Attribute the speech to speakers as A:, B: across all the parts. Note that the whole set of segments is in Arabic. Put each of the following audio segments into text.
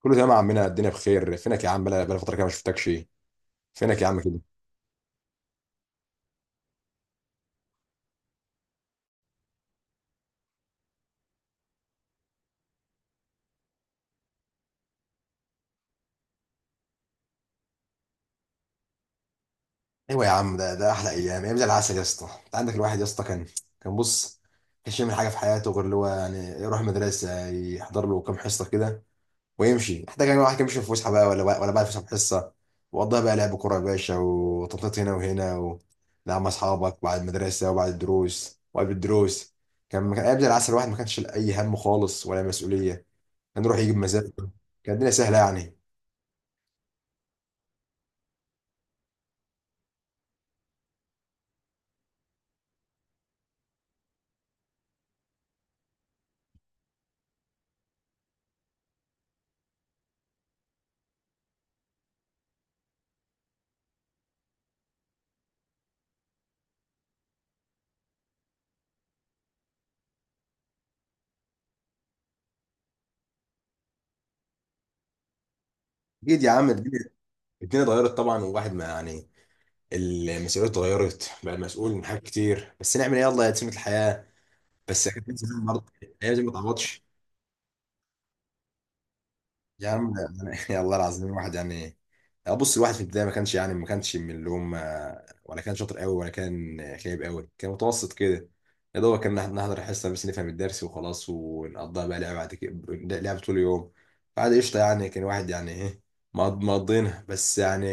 A: كله تمام يا عمنا، الدنيا بخير. فينك يا عم؟ بلا فتره كده ما شفتكش. فينك يا عم كده؟ ايوه يا عم، ده احلى ايام، ايام زي العسل يا اسطى. انت عندك الواحد يا اسطى كان كانش يعمل حاجه في حياته غير اللي هو يعني يروح مدرسه، يحضر له كام حصه كده ويمشي. حتى كان الواحد كان بيمشي في فسحه بقى ولا بعد فسحه بحصه، وقضاها بقى لعب كوره يا باشا، وتنطيط هنا وهنا لا مع اصحابك بعد المدرسه وبعد الدروس وقبل الدروس. كان ايام زي العسل، الواحد ما كانش له اي هم خالص ولا مسؤوليه، كان يروح يجيب مزاجه. كانت الدنيا سهله يعني. اكيد يا عم، الدنيا اتغيرت طبعا، والواحد ما يعني، المسؤوليات اتغيرت بقى، مسؤول من حاجات كتير، بس نعمل ايه؟ يلا يا سنة الحياه. بس اكيد زمان برضه، الايام دي ما تعوضش. يا عم يا الله العظيم، الواحد يعني ابص، الواحد في البدايه ما كانش يعني، ما كانش من اللي هم، ولا كان شاطر قوي، ولا كان خايب قوي، كان متوسط كده، يا دوبك كان نحضر الحصه بس نفهم الدرس وخلاص، ونقضيها بقى لعبه بعد كده، لعبه طول اليوم. بعد قشطه يعني، كان واحد يعني ايه، مقضينها بس يعني.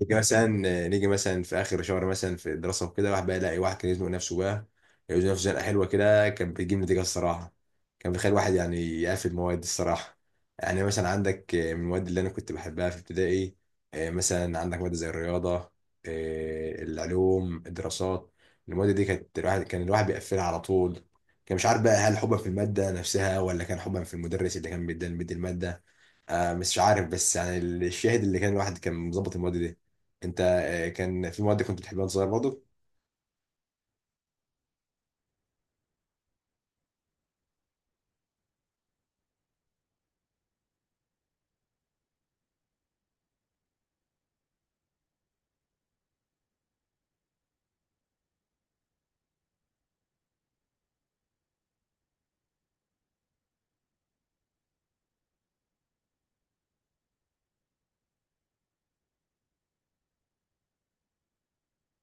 A: نيجي مثلا نيجي مثلا في اخر شهر مثلا في الدراسه وكده، واحد بقى يلاقي واحد كان يزنق نفسه بقى، يزنق نفسه زنقه حلوه كده، كان بيجيب نتيجه الصراحه، كان بيخلي واحد يعني يقفل مواد الصراحه. يعني مثلا عندك، من المواد اللي انا كنت بحبها في ابتدائي، مثلا عندك ماده زي الرياضه، العلوم، الدراسات، المواد دي كانت الواحد كان الواحد بيقفلها على طول. كان مش عارف بقى هل حبا في الماده نفسها، ولا كان حبا في المدرس اللي كان بيدي الماده. مش عارف، بس يعني الشاهد اللي كان الواحد كان مظبط المواد دي. انت كان في مواد كنت بتحبها وانت صغير برضه؟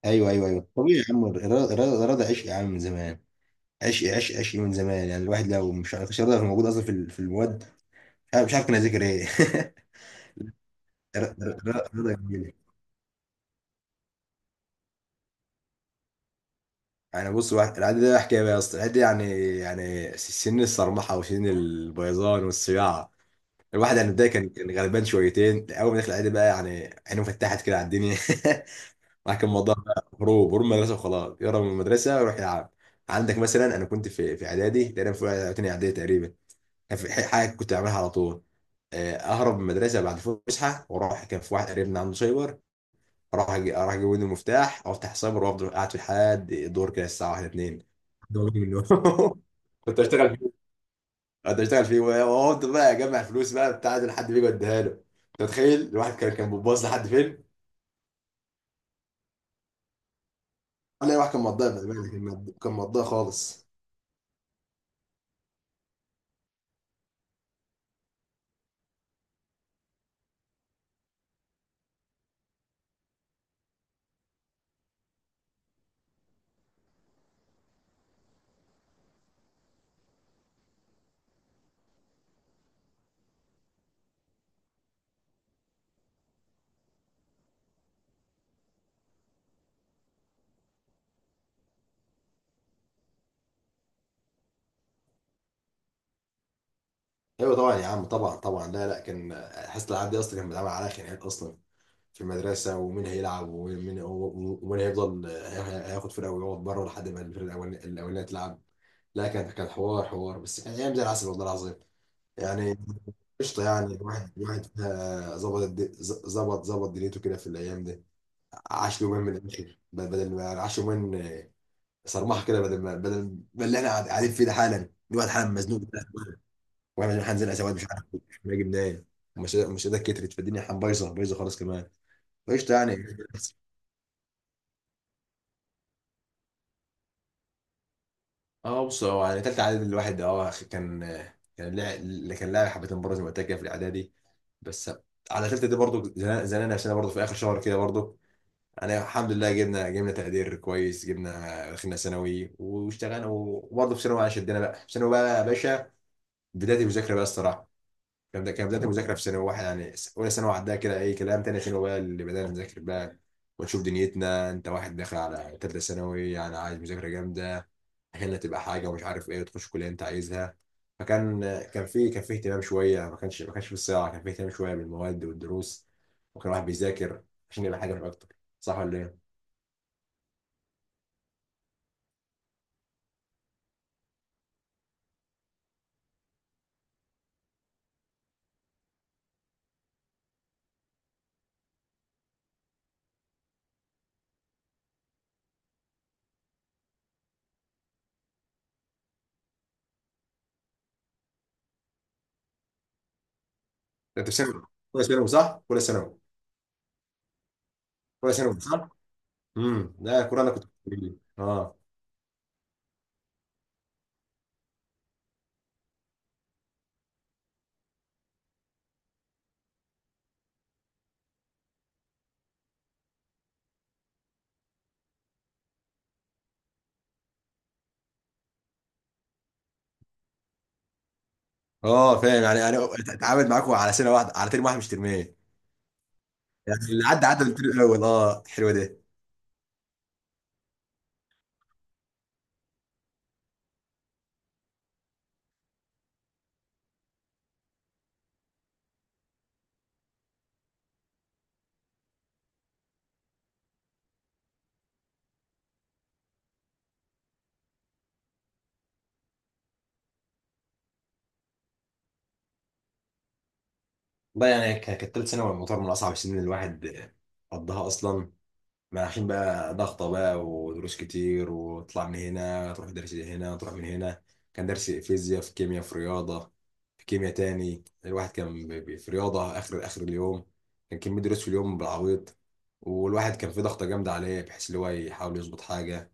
A: ايوه ايوه ايوه، طبيعي يا عم، الرياضه، الرياضة عشق يا عم من زمان، عشق عشق عشق من زمان. يعني الواحد لو مش ما كانش رياضه موجود اصلا في المواد، انا مش عارف كان اذاكر ايه. رضا جميل. يعني بص العادي ده حكايه بقى يا اسطى، العادي ده يعني، يعني سن الصرمحه وسن البيضان والصياعه. الواحد يعني بداية كان غلبان شويتين، اول ما دخل العادي بقى، يعني عينه فتحت كده على الدنيا. واحد كان الموضوع بقى هروب، هروب من المدرسه وخلاص، يهرب من المدرسه ويروح يلعب. عندك مثلا، انا كنت في اعدادي تقريبا، في تانية اعدادي تقريبا، كان في حاجه كنت بعملها على طول. اهرب من المدرسه بعد الفسحه واروح. كان في واحد قريبنا عنده سايبر، اروح اجيب منه المفتاح، افتح سايبر وافضل قاعد فيه لحد الدور كده الساعه 1 2. ده واجب اليوم. كنت اشتغل فيه، كنت اشتغل فيه وافضل بقى اجمع فلوس بقى بتاع ده لحد بيجي يديها له. انت متخيل الواحد كان بيباظ لحد فين؟ لا، الواحد كان مضيع بأمانة، كان مضيع خالص. ايوه طبعا يا عم، طبعا طبعا. لا لا، كان حاسس الالعاب دي اصلا كان بيتعمل عليها خناقات اصلا في المدرسه، ومين هيلعب ومين هيفضل هياخد فرقه ويقعد بره لحد ما الفرقه الاولانيه تلعب. لا كان حوار حوار، بس كان ايام زي العسل والله العظيم، يعني قشطه يعني. الواحد الواحد فيها ظبط الد- ز- ظبط ظبط دنيته كده في الايام دي، عاش يومين من الاخر، بدل ما يعني عاش يومين، صرمحه كده. بدل ما اللي احنا قاعدين فيه ده حالا، الواحد حالا مزنوق كده، واحنا مش هنزل اسواد، مش عارف نجيب منين. ومش مش ايدك كترت، فالدنيا حن، بايظه بايظه خالص كمان، قشطه يعني. اه بص، هو يعني تالتة اعدادي، الواحد اه كان، كان لاعب اللي كان لاعب حبتين برضه زي ما قلت لك كده في الاعدادي، بس على تالتة دي برضه زنقنا نفسنا برضه في اخر شهر كده برضه، يعني الحمد لله جبنا تقدير كويس، جبنا دخلنا ثانوي واشتغلنا. وبرضه في ثانوي شدنا بقى، في ثانوي بقى يا باشا بداية المذاكرة بقى الصراحة. كان بداية المذاكرة في ثانوي واحد يعني، اولى ثانوي عدها كده اي كلام، تاني ثانوي بقى اللي بدأنا نذاكر بقى ونشوف دنيتنا. انت واحد داخل على تالتة ثانوي، يعني عايز مذاكرة جامدة هنا تبقى حاجه ومش عارف ايه، وتخش كليه انت عايزها. فكان كان في اهتمام شويه، ما كانش ما كانش في الصياعه، كان في اهتمام شويه بالمواد والدروس، وكان الواحد بيذاكر عشان يبقى حاجه مش اكتر. صح ولا ايه؟ انت في ثانوي ولا ثانوي ولا ثانوي صح؟ لا كوره، انا كنت اه. اه فاهم، يعني اتعامل معاكم على سنه واحده، على ترم واحد مش ترمين. يعني اللي عدى عدى من الترم الاول. اه حلوه دي. والله يعني، كانت ثالث ثانوي يعتبر من اصعب السنين اللي الواحد قضاها اصلا، ما عشان بقى ضغطة بقى ودروس كتير، وتطلع من هنا تروح درس هنا، تروح من هنا، كان درس فيزياء، في كيمياء، في رياضة، في كيمياء تاني، الواحد كان في رياضة آخر آخر اليوم. كان كمية دروس في اليوم بالعويط، والواحد كان في ضغطة جامدة عليه، بحيث اللي هو يحاول يظبط حاجة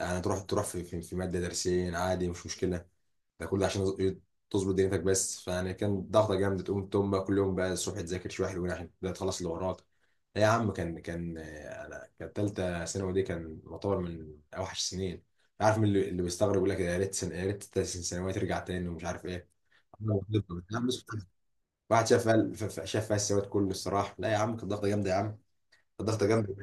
A: يعني، تروح في مادة درسين عادي مش مشكلة، ده كله عشان تظبط دنيتك بس. فيعني كان ضغطة جامدة، تقوم بقى كل يوم بقى الصبح تذاكر شوية حلوين عشان ده تخلص اللي وراك. يا عم كان انا كانت تالتة ثانوي دي كان يعتبر من اوحش السنين. عارف، من اللي بيستغرب يقول لك يا ريت يا ريت تالتة ثانوي ترجع تاني ومش عارف ايه. أنا بفضل، يا عم، بس بفضل. واحد شاف فيها السواد كله الصراحة. لا يا عم، كانت ضغطة جامدة يا عم، كانت ضغطة جامدة.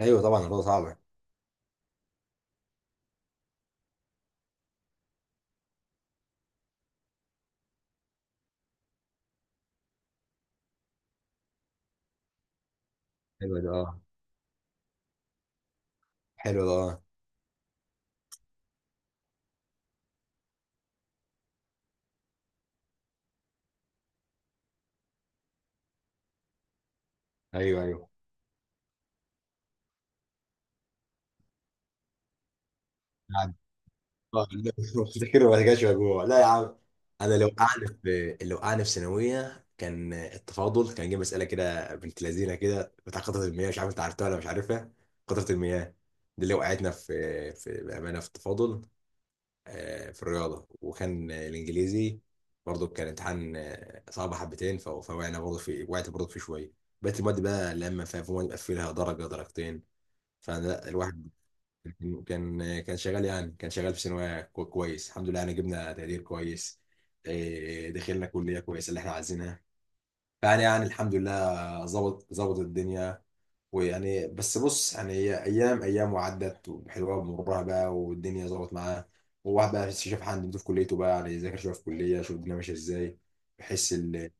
A: ايوه طبعا، الموضوع صعبة. حلوة ده اه. حلوة ده اه. ايوه ايوه. اه لا، افتكر ما رجعش مجموع، لا يا عم. انا لو وقعني في لو وقعني في ثانويه كان التفاضل، كان جه مساله كده بنت لذينه كده بتاع قطره المياه، مش عارف انت عرفتها ولا مش عارفها. قطره المياه دي اللي وقعتنا في بامانه في التفاضل، في الرياضه. وكان الانجليزي برضه كان امتحان صعب حبتين، فوقعنا برضه في، شويه. بقيت المواد بقى لما فيها، في مواد بقى فيها درجه درجتين، فلا الواحد كان شغال، يعني كان شغال في ثانوية كويس، الحمد لله. يعني جبنا تقدير كويس، دخلنا كلية كويسة اللي احنا عايزينها. فيعني يعني الحمد لله، ظبط الدنيا. ويعني بس بص يعني، هي أيام أيام وعدت وحلوة بمرها بقى، والدنيا ظبط معاه. وواحد بقى شاف حد في كليته بقى، يعني يذاكر شوية في كلية، شوف الدنيا ماشية ازاي، بحيث ال...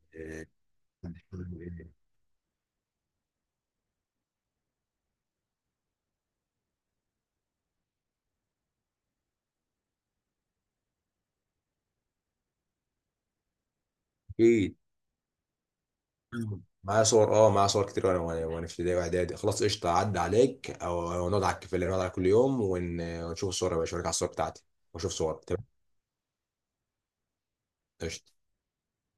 A: إيه، مم. معايا صور، اه معايا صور كتير، وانا وانا وأنا في ابتدائي واعدادي. خلاص قشطه، عدى عليك او أو نقعد على الكافيه اللي نقعد على كل يوم، ونشوف الصور يا باشا، اوريك على الصور بتاعتي واشوف صور. تمام، قشطه.